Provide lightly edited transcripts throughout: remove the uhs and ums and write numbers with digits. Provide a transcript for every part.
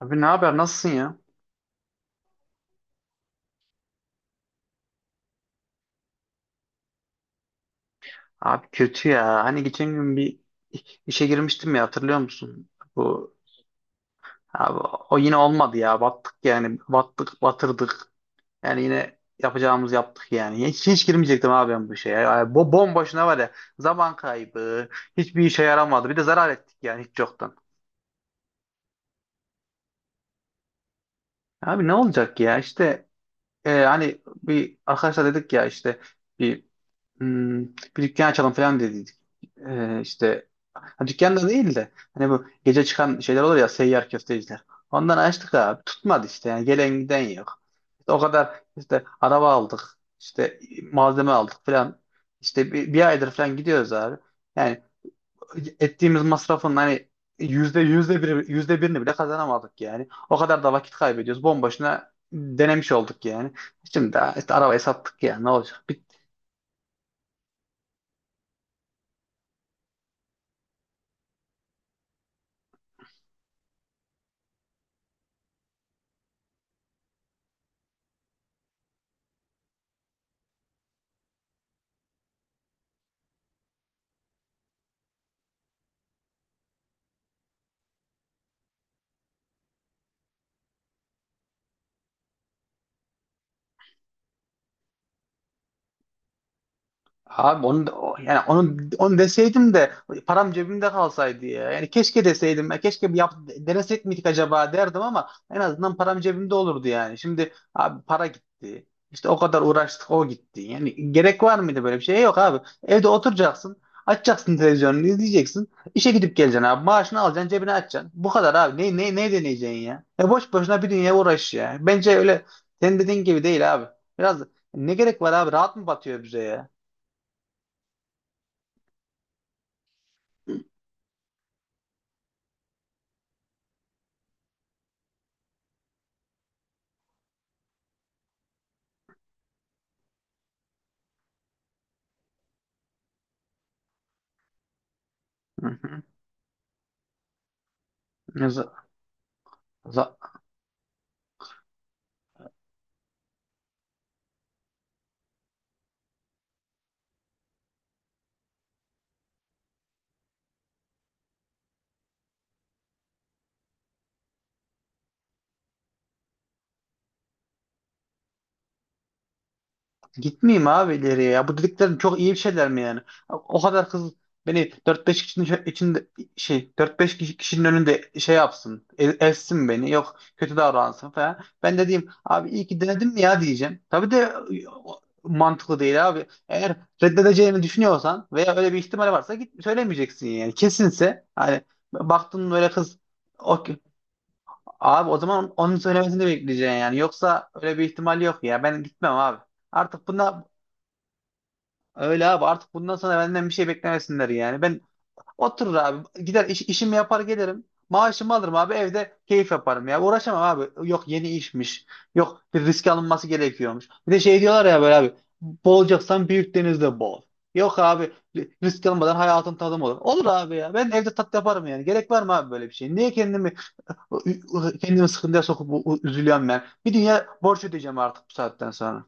Abi ne haber? Nasılsın ya? Abi kötü ya. Hani geçen gün bir işe girmiştim ya, hatırlıyor musun? Bu abi, O yine olmadı ya. Battık yani. Battık, batırdık. Yani yine yapacağımız yaptık yani. Hiç girmeyecektim abi ben bu işe ya. Yani, bomboşuna var ya. Zaman kaybı. Hiçbir işe yaramadı. Bir de zarar ettik yani hiç yoktan. Abi ne olacak ya? İşte, hani bir arkadaşlar dedik ya, işte bir Hmm, bir dükkan açalım falan dedik. İşte, ha, dükkan da değil de, hani bu gece çıkan şeyler olur ya, seyyar köfteciler. Ondan açtık abi. Tutmadı işte, yani gelen giden yok. İşte o kadar, işte araba aldık, işte malzeme aldık falan. İşte bir aydır falan gidiyoruz abi. Yani ettiğimiz masrafın hani yüzde birini bile kazanamadık yani. O kadar da vakit kaybediyoruz. Bomboşuna denemiş olduk yani. Şimdi de işte arabayı sattık, yani ne olacak? Abi yani onu deseydim de param cebimde kalsaydı ya. Yani keşke deseydim. Ya keşke denesek miydik acaba derdim, ama en azından param cebimde olurdu yani. Şimdi abi para gitti. İşte o kadar uğraştık, o gitti. Yani gerek var mıydı böyle bir şeye? Yok abi. Evde oturacaksın. Açacaksın televizyonunu, izleyeceksin. İşe gidip geleceksin abi. Maaşını alacaksın, cebine açacaksın. Bu kadar abi. Ne deneyeceksin ya? Boş boşuna bir dünya uğraş ya. Bence öyle, senin dediğin gibi değil abi. Biraz, ne gerek var abi? Rahat mı batıyor bize ya? Hı hı. Ya za- za- Gitmeyeyim abi ileriye ya. Bu dediklerin çok iyi bir şeyler mi yani? O kadar kız beni dört beş kişinin içinde, dört beş kişinin önünde şey yapsın. Ezsin beni. Yok, kötü davransın falan. Ben de diyeyim abi, iyi ki denedim mi ya diyeceğim. Tabii de mantıklı değil abi. Eğer reddedeceğini düşünüyorsan veya öyle bir ihtimal varsa git söylemeyeceksin yani. Kesinse, hani baktın böyle kız. o Abi o zaman onun söylemesini bekleyeceksin yani. Yoksa öyle bir ihtimal yok ya. Ben gitmem abi. Artık bundan öyle abi. Artık bundan sonra benden bir şey beklemesinler yani. Ben oturur abi. Gider işimi yapar gelirim. Maaşımı alırım abi. Evde keyif yaparım ya. Uğraşamam abi. Yok, yeni işmiş. Yok, bir risk alınması gerekiyormuş. Bir de şey diyorlar ya böyle abi. Boğulacaksan büyük denizde boğul. Yok abi, risk almadan hayatın tadım olur. Olur abi ya. Ben evde tat yaparım yani. Gerek var mı abi böyle bir şey? Niye kendimi sıkıntıya sokup üzülüyorum ben. Bir dünya borç ödeyeceğim artık bu saatten sonra.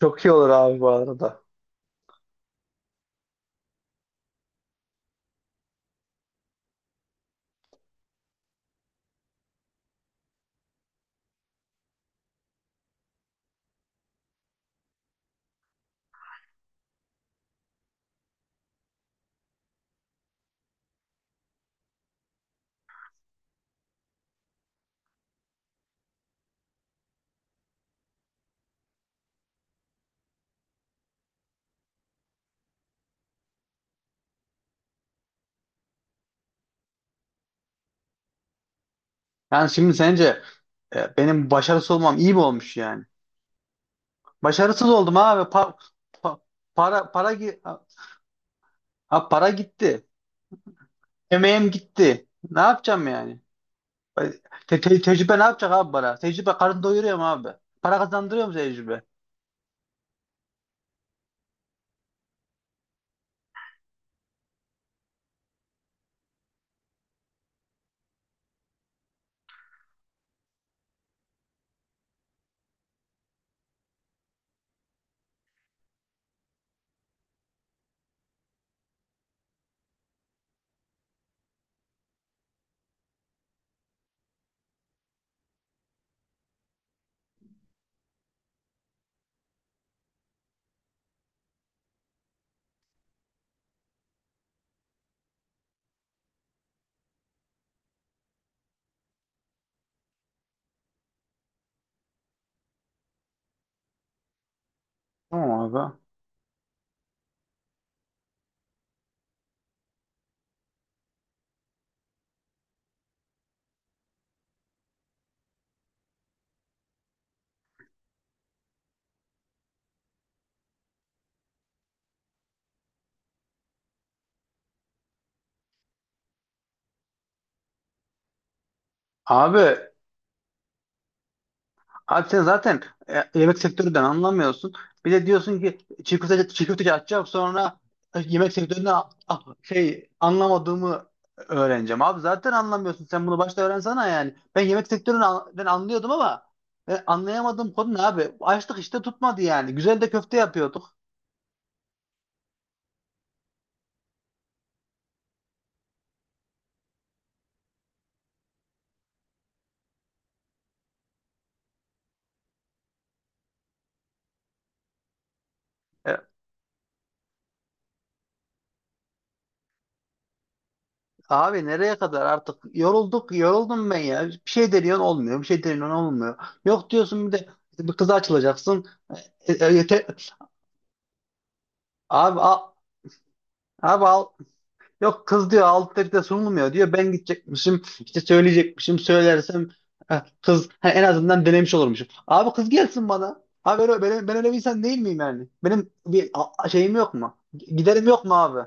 Çok iyi olur abi bu arada. Yani şimdi sence benim başarısız olmam iyi mi olmuş yani? Başarısız oldum abi. Pa- para para gi- ha, para gitti. Emeğim gitti. Ne yapacağım yani? Tecrübe ne yapacak abi, para? Tecrübe karın doyuruyor mu abi? Para kazandırıyor mu tecrübe? Tamam abi. Abi Abi sen zaten yemek sektöründen anlamıyorsun. Bir de diyorsun ki çiğ köfteci açacağım, sonra yemek sektöründe anlamadığımı öğreneceğim. Abi zaten anlamıyorsun. Sen bunu başta öğrensene yani. Ben yemek sektöründen anlıyordum ama anlayamadığım konu ne abi? Açtık işte, tutmadı yani. Güzel de köfte yapıyorduk. E, abi nereye kadar, artık yoruldum ben ya. Bir şey deniyorsun, olmuyor. Bir şey deniyorsun, olmuyor. Yok, diyorsun bir de bir kıza açılacaksın. Yeter. Abi a- Abi al, yok, kız diyor altta de sunulmuyor diyor. Ben gidecekmişim, işte söyleyecekmişim, söylersem ha, kız en azından denemiş olurmuşum. Abi kız gelsin bana. Abi ben öyle bir insan değil miyim yani? Benim bir şeyim yok mu? Giderim yok mu abi?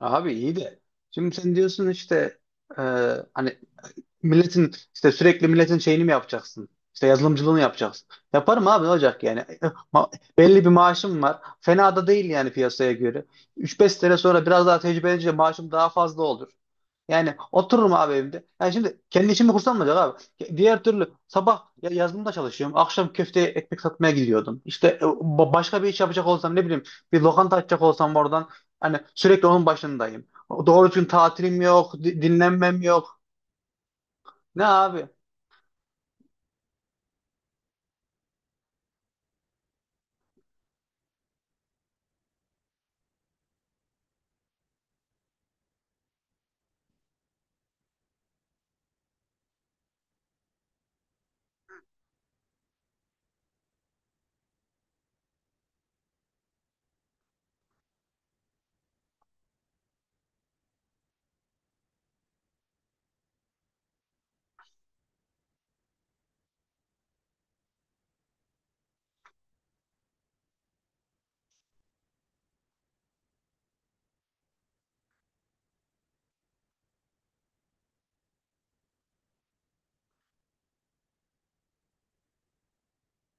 Abi iyi de. Şimdi sen diyorsun işte, e, hani işte sürekli milletin şeyini mi yapacaksın? İşte yazılımcılığını yapacaksın. Yaparım abi, ne olacak yani? Belli bir maaşım var. Fena da değil yani, piyasaya göre. Üç beş sene sonra biraz daha tecrübelenince maaşım daha fazla olur. Yani otururum abi evimde. Yani şimdi kendi işimi kursam mı olacak abi? Diğer türlü sabah yazılımda çalışıyorum. Akşam köfte ekmek satmaya gidiyordum. İşte başka bir iş yapacak olsam, ne bileyim, bir lokanta açacak olsam oradan, hani sürekli onun başındayım. Doğru düzgün tatilim yok, dinlenmem yok. Ne abi?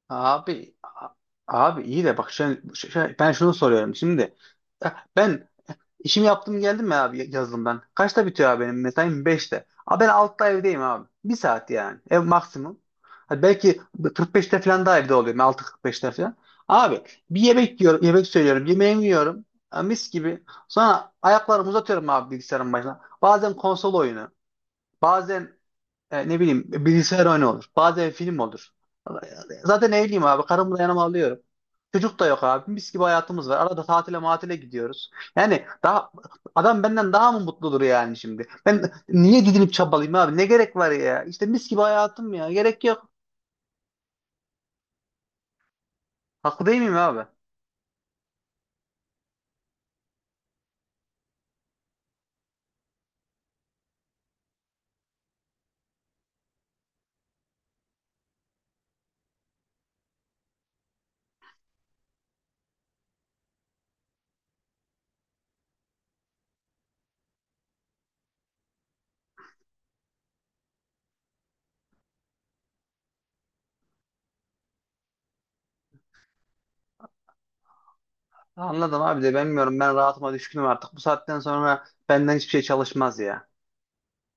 Abi a- abi iyi de bak, ben şunu soruyorum şimdi. Ya ben işimi yaptım geldim mi abi yazılımdan? Kaçta bitiyor abi benim mesaim? 5'te. Abi ben 6'da evdeyim abi. Bir saat yani. Ev maksimum. Ha Belki 45'te falan da evde oluyorum. 6:45'te falan. Abi bir yemek yiyorum, yemek söylüyorum. Yemeğimi yiyorum. Ha, Mis gibi. Sonra ayaklarımı uzatıyorum abi bilgisayarın başına. Bazen konsol oyunu. Bazen ne bileyim bilgisayar oyunu olur. Bazen film olur. Zaten evliyim abi. Karımı da yanıma alıyorum. Çocuk da yok abi. Mis gibi hayatımız var. Arada tatile matile gidiyoruz. Yani daha, adam benden daha mı mutludur yani şimdi? Ben niye didinip çabalayayım abi? Ne gerek var ya? İşte mis gibi hayatım ya. Gerek yok. Haklı değil miyim abi? Anladım abi de, bilmiyorum. Ben rahatıma düşkünüm artık. Bu saatten sonra benden hiçbir şey çalışmaz ya.